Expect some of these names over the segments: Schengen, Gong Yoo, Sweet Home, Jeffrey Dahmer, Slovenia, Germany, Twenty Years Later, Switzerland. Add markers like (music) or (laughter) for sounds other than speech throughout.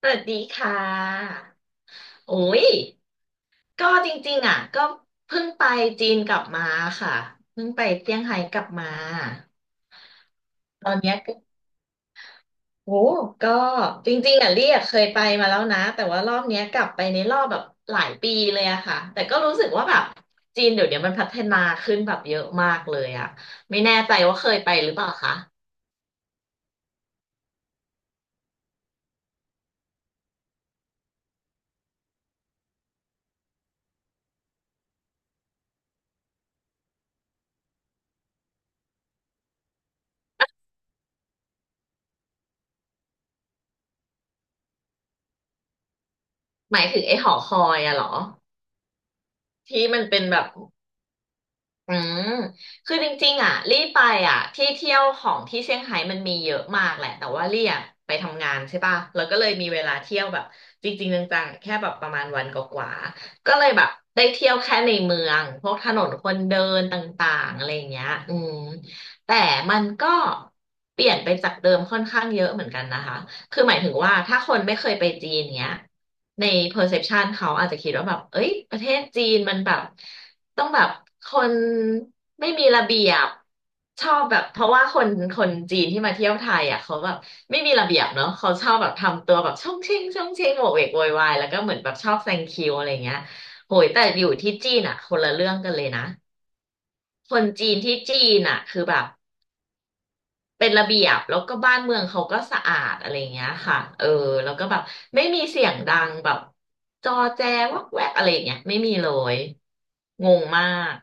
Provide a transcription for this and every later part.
สวัสดีค่ะโอ้ยก็จริงๆอ่ะก็เพิ่งไปจีนกลับมาค่ะเพิ่งไปเซี่ยงไฮ้กลับมาตอนเนี้ยก็โอ้ก็จริงๆอ่ะเรียกเคยไปมาแล้วนะแต่ว่ารอบเนี้ยกลับไปในรอบแบบหลายปีเลยอะค่ะแต่ก็รู้สึกว่าแบบจีนเดี๋ยวเนี้ยมันพัฒนาขึ้นแบบเยอะมากเลยอะไม่แน่ใจว่าเคยไปหรือเปล่าคะหมายถึงไอ้หอคอยอะเหรอที่มันเป็นแบบ อืมคือจริงๆอ่ะลี่ไปอ่ะที่เที่ยวของที่เซี่ยงไฮ้มันมีเยอะมากแหละแต่ว่าลี่อ่ะไปทำงานใช่ป่ะแล้วก็เลยมีเวลาเที่ยวแบบจริงๆจังๆแค่แบบประมาณวันกว่าๆก็เลยแบบได้เที่ยวแค่ในเมืองพวกถนนคนเดินต่างๆอะไรอย่างเงี้ยแต่มันก็เปลี่ยนไปจากเดิมค่อนข้างเยอะเหมือนกันนะคะคือหมายถึงว่าถ้าคนไม่เคยไปจีนเนี้ยใน perception เขาอาจจะคิดว่าแบบเอ้ยประเทศจีนมันแบบ ต้องแบบคนไม่มีระเบียบชอบแบบเพราะว่าคนจีนที่มาเที่ยวไทยอ่ะเขาแบบไม่มีระเบียบเนาะเขาชอบแบบทำตัวแบบช่องเชงช่องเชงโหวกเวกโวยวายแล้วก็เหมือนแบบชอบแซงคิวอะไรเงี้ยโหยแต่อยู่ที่จีนอ่ะคนละเรื่องกันเลยนะคนจีนที่จีนอ่ะคือแบบเป็นระเบียบแล้วก็บ้านเมืองเขาก็สะอาดอะไรอย่างเงี้ยค่ะเออแล้วก็แบบไม่มีเสียงดังแบบจอแจวักแวกอะไรอย่างเงี้ยไม่มีเลยงงมาก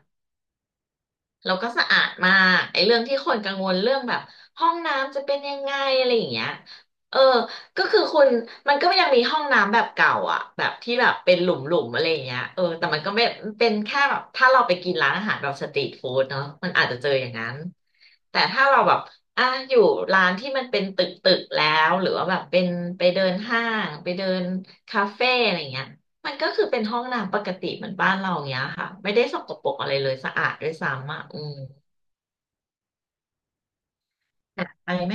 แล้วก็สะอาดมากไอ้เรื่องที่คนกังวลเรื่องแบบห้องน้ำจะเป็นยังไงอะไรอย่างเงี้ยเออก็คือคุณมันก็ยังมีห้องน้ำแบบเก่าอ่ะแบบที่แบบเป็นหลุมหลุมอะไรอย่างเงี้ยเออแต่มันก็ไม่เป็นแค่แบบถ้าเราไปกินร้านอาหารแบบสตรีทฟู้ดเนาะมันอาจจะเจออย่างนั้นแต่ถ้าเราแบบอ่ะอยู่ร้านที่มันเป็นตึกตึกแล้วหรือว่าแบบเป็นไปเดินห้างไปเดินคาเฟ่อะไรอย่างเงี้ย มันก็คือเป็นห้องน้ำปกติเหมือนบ้านเราอย่างเงี้ยค่ะไม่ได้สกปรกอะไรเลยสะอาดด้วยซ้ำอ่ะอืมหนักไปไหม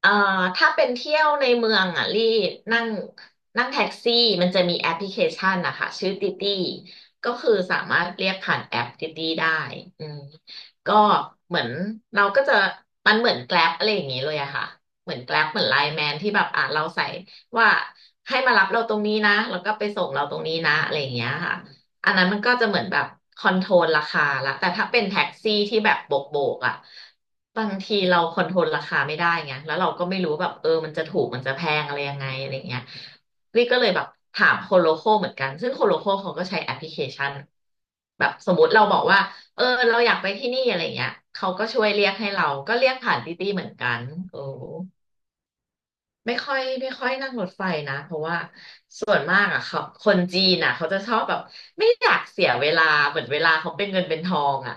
เอ่อถ้าเป็นเที่ยวในเมืองอ่ะรีนั่งนั่งแท็กซี่มันจะมีแอปพลิเคชันนะคะชื่อติตี้ก็คือสามารถเรียกผ่านแอปติตี้ได้อืมก็เหมือนเราก็จะมันเหมือนแกร็บอะไรอย่างงี้เลยอะค่ะเหมือนแกร็บเหมือนไลน์แมนที่แบบอ่ะเราใส่ว่าให้มารับเราตรงนี้นะแล้วก็ไปส่งเราตรงนี้นะอะไรอย่างเงี้ยค่ะ อันนั้นมันก็จะเหมือนแบบคอนโทรลราคาละแต่ถ้าเป็นแท็กซี่ที่แบบโบกโบกอ่ะบางทีเราคอนโทรลราคาไม่ได้ไงแล้วเราก็ไม่รู้แบบเออมันจะถูกมันจะแพงอะไรยังไงอะไรเงี้ยลี่ก็เลยแบบถามโคโลโคเหมือนกันซึ่งโคโลโคเขาก็ใช้แอปพลิเคชันแบบสมมติเราบอกว่าเออเราอยากไปที่นี่อะไรเงี้ยเขาก็ช่วยเรียกให้เราก็เรียกผ่านตี้ตี้เหมือนกันโอ้ ไม่ค่อยนั่งรถไฟนะเพราะว่าส่วนมากอ่ะเขาคนจีนอ่ะเขาจะชอบแบบไม่อยากเสียเวลาเหมือนเวลาเขาเป็นเงินเป็นทองอ่ะ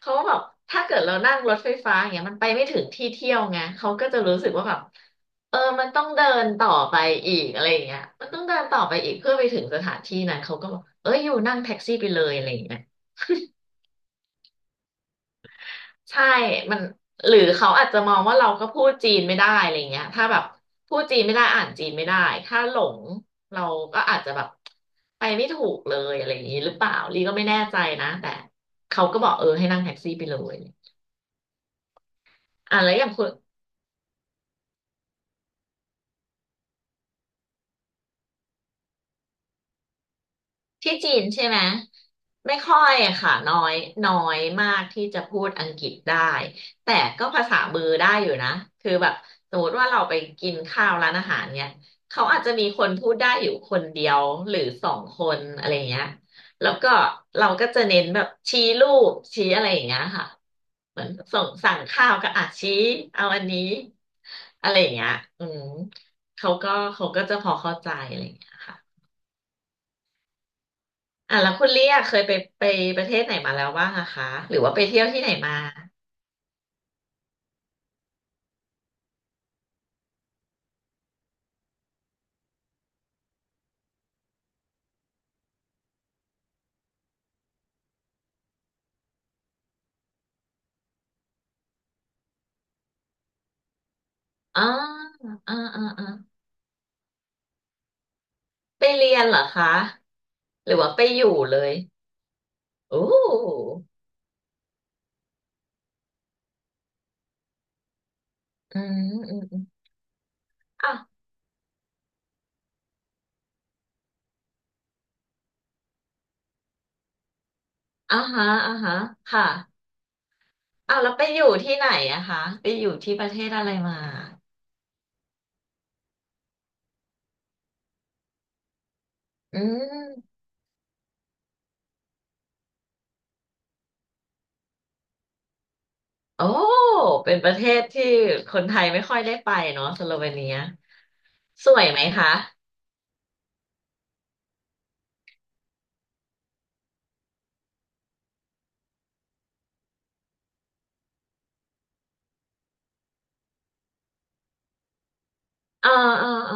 เขาแบบถ้าเกิดเรานั่งรถไฟฟ้าอย่างเงี้ยมันไปไม่ถึงที่เที่ยวไงเขาก็จะรู้สึกว่าแบบเออมันต้องเดินต่อไปอีกอะไรอย่างเงี้ยมันต้องเดินต่อไปอีกเพื่อไปถึงสถานที่นั้นเขาก็บอกเอ้ยอยู่นั่งแท็กซี่ไปเลยอะไรอย่างเงี้ย ใช่มันหรือเขาอาจจะมองว่าเราก็พูดจีนไม่ได้อะไรเงี้ยถ้าแบบพูดจีนไม่ได้อ่านจีนไม่ได้ ถ้าหลงเราก็อาจจะแบบไปไม่ถูกเลยอะไรอย่างนี้หรือเปล่าลีก็ไม่แน่ใจนะแต่เขาก็บอกเออให้นั่งแท็กซี่ไปเลยอ่ะแล้วอย่างคุณ ที่จีนใช่ไหมไม่ค่อยอะค่ะน้อยน้อยมากที่จะพูดอังกฤษได้แต่ก็ภาษามือได้อยู่นะคือแบบสมมติว่าเราไปกินข้าวร้านอาหารเนี่ยเขาอาจจะมีคนพูดได้อยู่คนเดียวหรือสองคนอะไรอย่างเงี้ยแล้วก็เราก็จะเน้นแบบชี้รูปชี้อะไรอย่างเงี้ยค่ะเหมือนส่งสั่งข้าวก็อ่ะชี้เอาอันนี้อะไรอย่างเงี้ยอืมเขาก็เขาก็จะพอเข้าใจอะไรอย่างเงี้ยค่ะ อ่ะแล้วคุณเลี่ยเคยไปประเทศไหนมาแล้วบ้างอะคะหรือว่าไปเที่ยวที่ไหนมาอ๋ออ่าอ่าอ่าไปเรียนเหรอคะหรือว่าไปอยู่เลยโอ้อืมอืมอืมอ่ะอ่าฮะอ่าฮะค่ะอ้าวแล้วไปอยู่ที่ไหนอะคะไปอยู่ที่ประเทศอะไรมาอืมโอ้เป็นประเทศที่คนไทยไม่ค่อยได้ไปเนาะสโลเวเนียสวยไหมคะเออเออเออ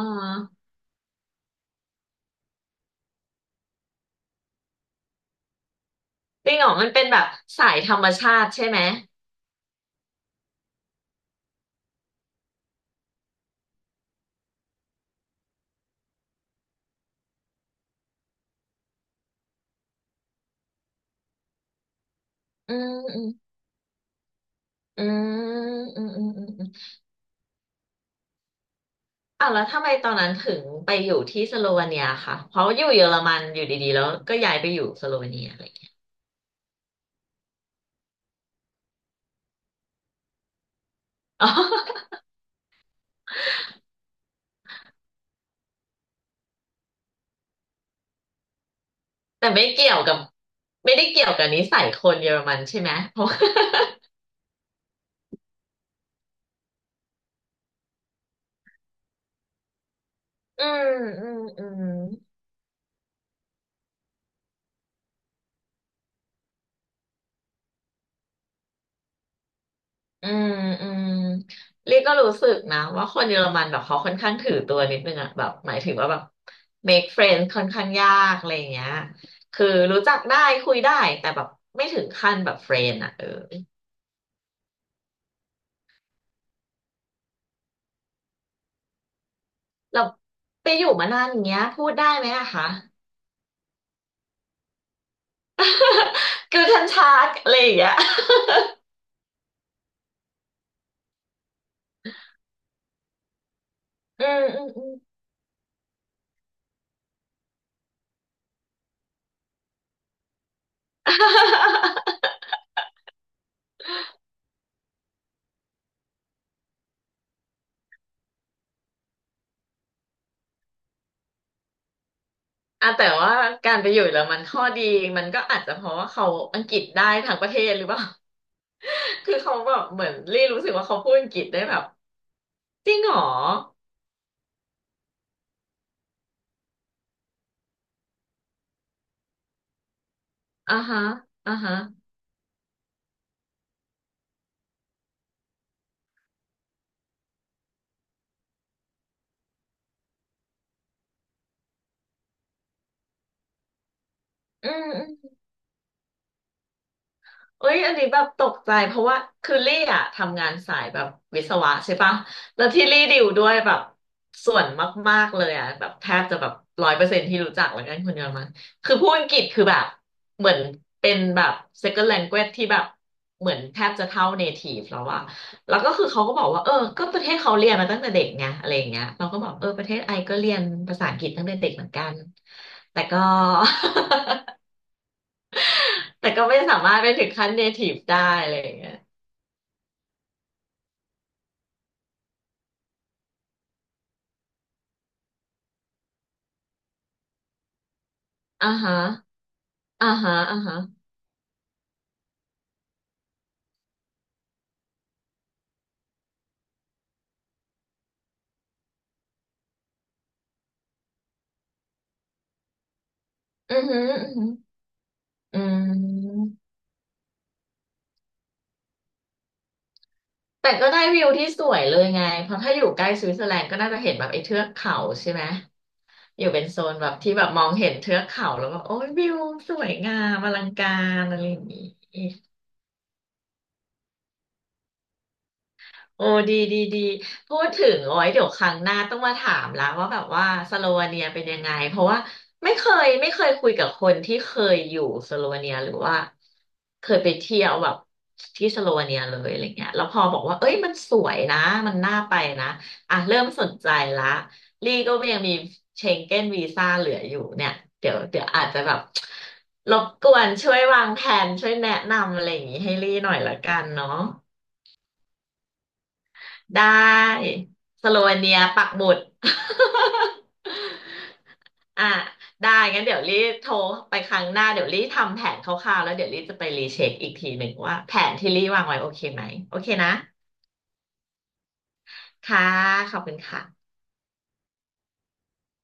จริงเหรอมันเป็นแบบสายธรรมชาติใช่ไหม อืมอืมอืมอืมอืมอืมอ้าวแล้วทำไมตอนนั้นถึงไปอยู่ที่สโลวาเนียค่ะเพราะอยู่เยอรมันอยู่ดีๆแล้วก็ย้ายไปอยู่สโลวาเนียอะไรอย่างเงี้ย (laughs) อ๋อแต่ไม่เกี่ยวกับไม่ได้เกี่ยวกับนิสัยคนเยอรมันใช่ไหมเพราะอืมอืมอืมอืมอืมเรียกก็รู้สึกนะว่าคนเยอรมันแบบเขาค่อนข้างถือตัวนิดนึงอะแบบหมายถึงว่าแบบ make friend ค่อนข้างยากอะไรอย่างเงี้ยคือรู้จักได้คุยได้แต่แบบไม่ถึงขั้นแบบเ r รน n ์อะเออ เราไปอยู่มานานอย่างเงี้ยพูดได้ไหมอะคะ (laughs) คือทันชาร์กอะไรอย่างเงี้ย (laughs) อืมอืมอืม (laughs) อ่ะแต่ว่าการไปอยู่เยอรมันข้อดีมันก็อาจจะเพราะว่าเขาอังกฤษได้ทั้งประเทศหรือเปล่า (laughs) คือเขาแบบเหมือนรีรู้สึกว่าเขาพูดอังกฤษได้แบบจริงเหรออ่าฮะอ่าฮะอืม เอ้ยอันนี้แบบตกใจเพราะว่าคือลี่อะทำงานสายแบบวิศวะใช่ปะแล้วที่ลี่ดิวด้วยแบบส่วนมากๆเลยอะแบบแทบจะแบบร้อยเปอร์เซ็นต์ที่รู้จักแล้วกันคนเยอรมันคือพูดอังกฤษคือแบบเหมือนเป็นแบบ second language ที่แบบเหมือนแทบจะเท่า native แล้วอะแล้วก็คือเขาก็บอกว่าเออก็ประเทศเขาเรียนมาตั้งแต่เด็กไงอะไรอย่างเงี้ยเราก็บอกเออประเทศไอก็เรียนภาษาอังกฤษตั้งแต่เด็กเหมือนกันแต่ก็ (laughs) แต่ก็ไม่สามารถไปถึงขั้น native ได้อะไรอย่างเงี้ย อ่าฮะอ่าฮะอ่าฮะอือหอือหออืมแต่ก็ได้วิวที่สวยเลยไงเพราะถ้าอยู่ใกล้สวิตเซอร์แลนด์ก็น่าจะเห็นแบบไอ้เทือกเขาใช่ไหมอยู่เป็นโซนแบบที่แบบมองเห็นเทือกเขาแล้วก็โอ้ยวิวสวยงามอลังการอะไรอย่างนี้ โอ้ดีดีดีพูดถึงโอาไว้ยเดี๋ยวครั้งหน้าต้องมาถามละว่าแบบว่าสโลวาเนียเป็นยังไงเพราะว่าไม่เคยคุยกับคนที่เคยอยู่สโลวาเนียหรือว่าเคยไปเที่ยวแบบที่สโลวาเนียเลยอะไรเงี้ยแล้วพอบอกว่าเอ้ยมันสวยนะมันน่าไปนะอ่ะเริ่มสนใจละลี่ก็ยังมีเชงเก้นวีซ่าเหลืออยู่เนี่ยเดี๋ยวอาจจะแบบรบกวนช่วยวางแผนช่วยแนะนำอะไรอย่างงี้ให้ลี่หน่อยละกันเนาะ ได้สโลเวเนียปักหมุด (laughs) อ่ะได้งั้นเดี๋ยวรีโทรไปครั้งหน้าเดี๋ยวรีทำแผนคร่าวๆแล้วเดี๋ยวรีจะไปรีเช็คอีกทีหนึ่งว่าแผนที่รีวางไว้โอเคไหมโอเคนะค่ะขอบคุณค่ะ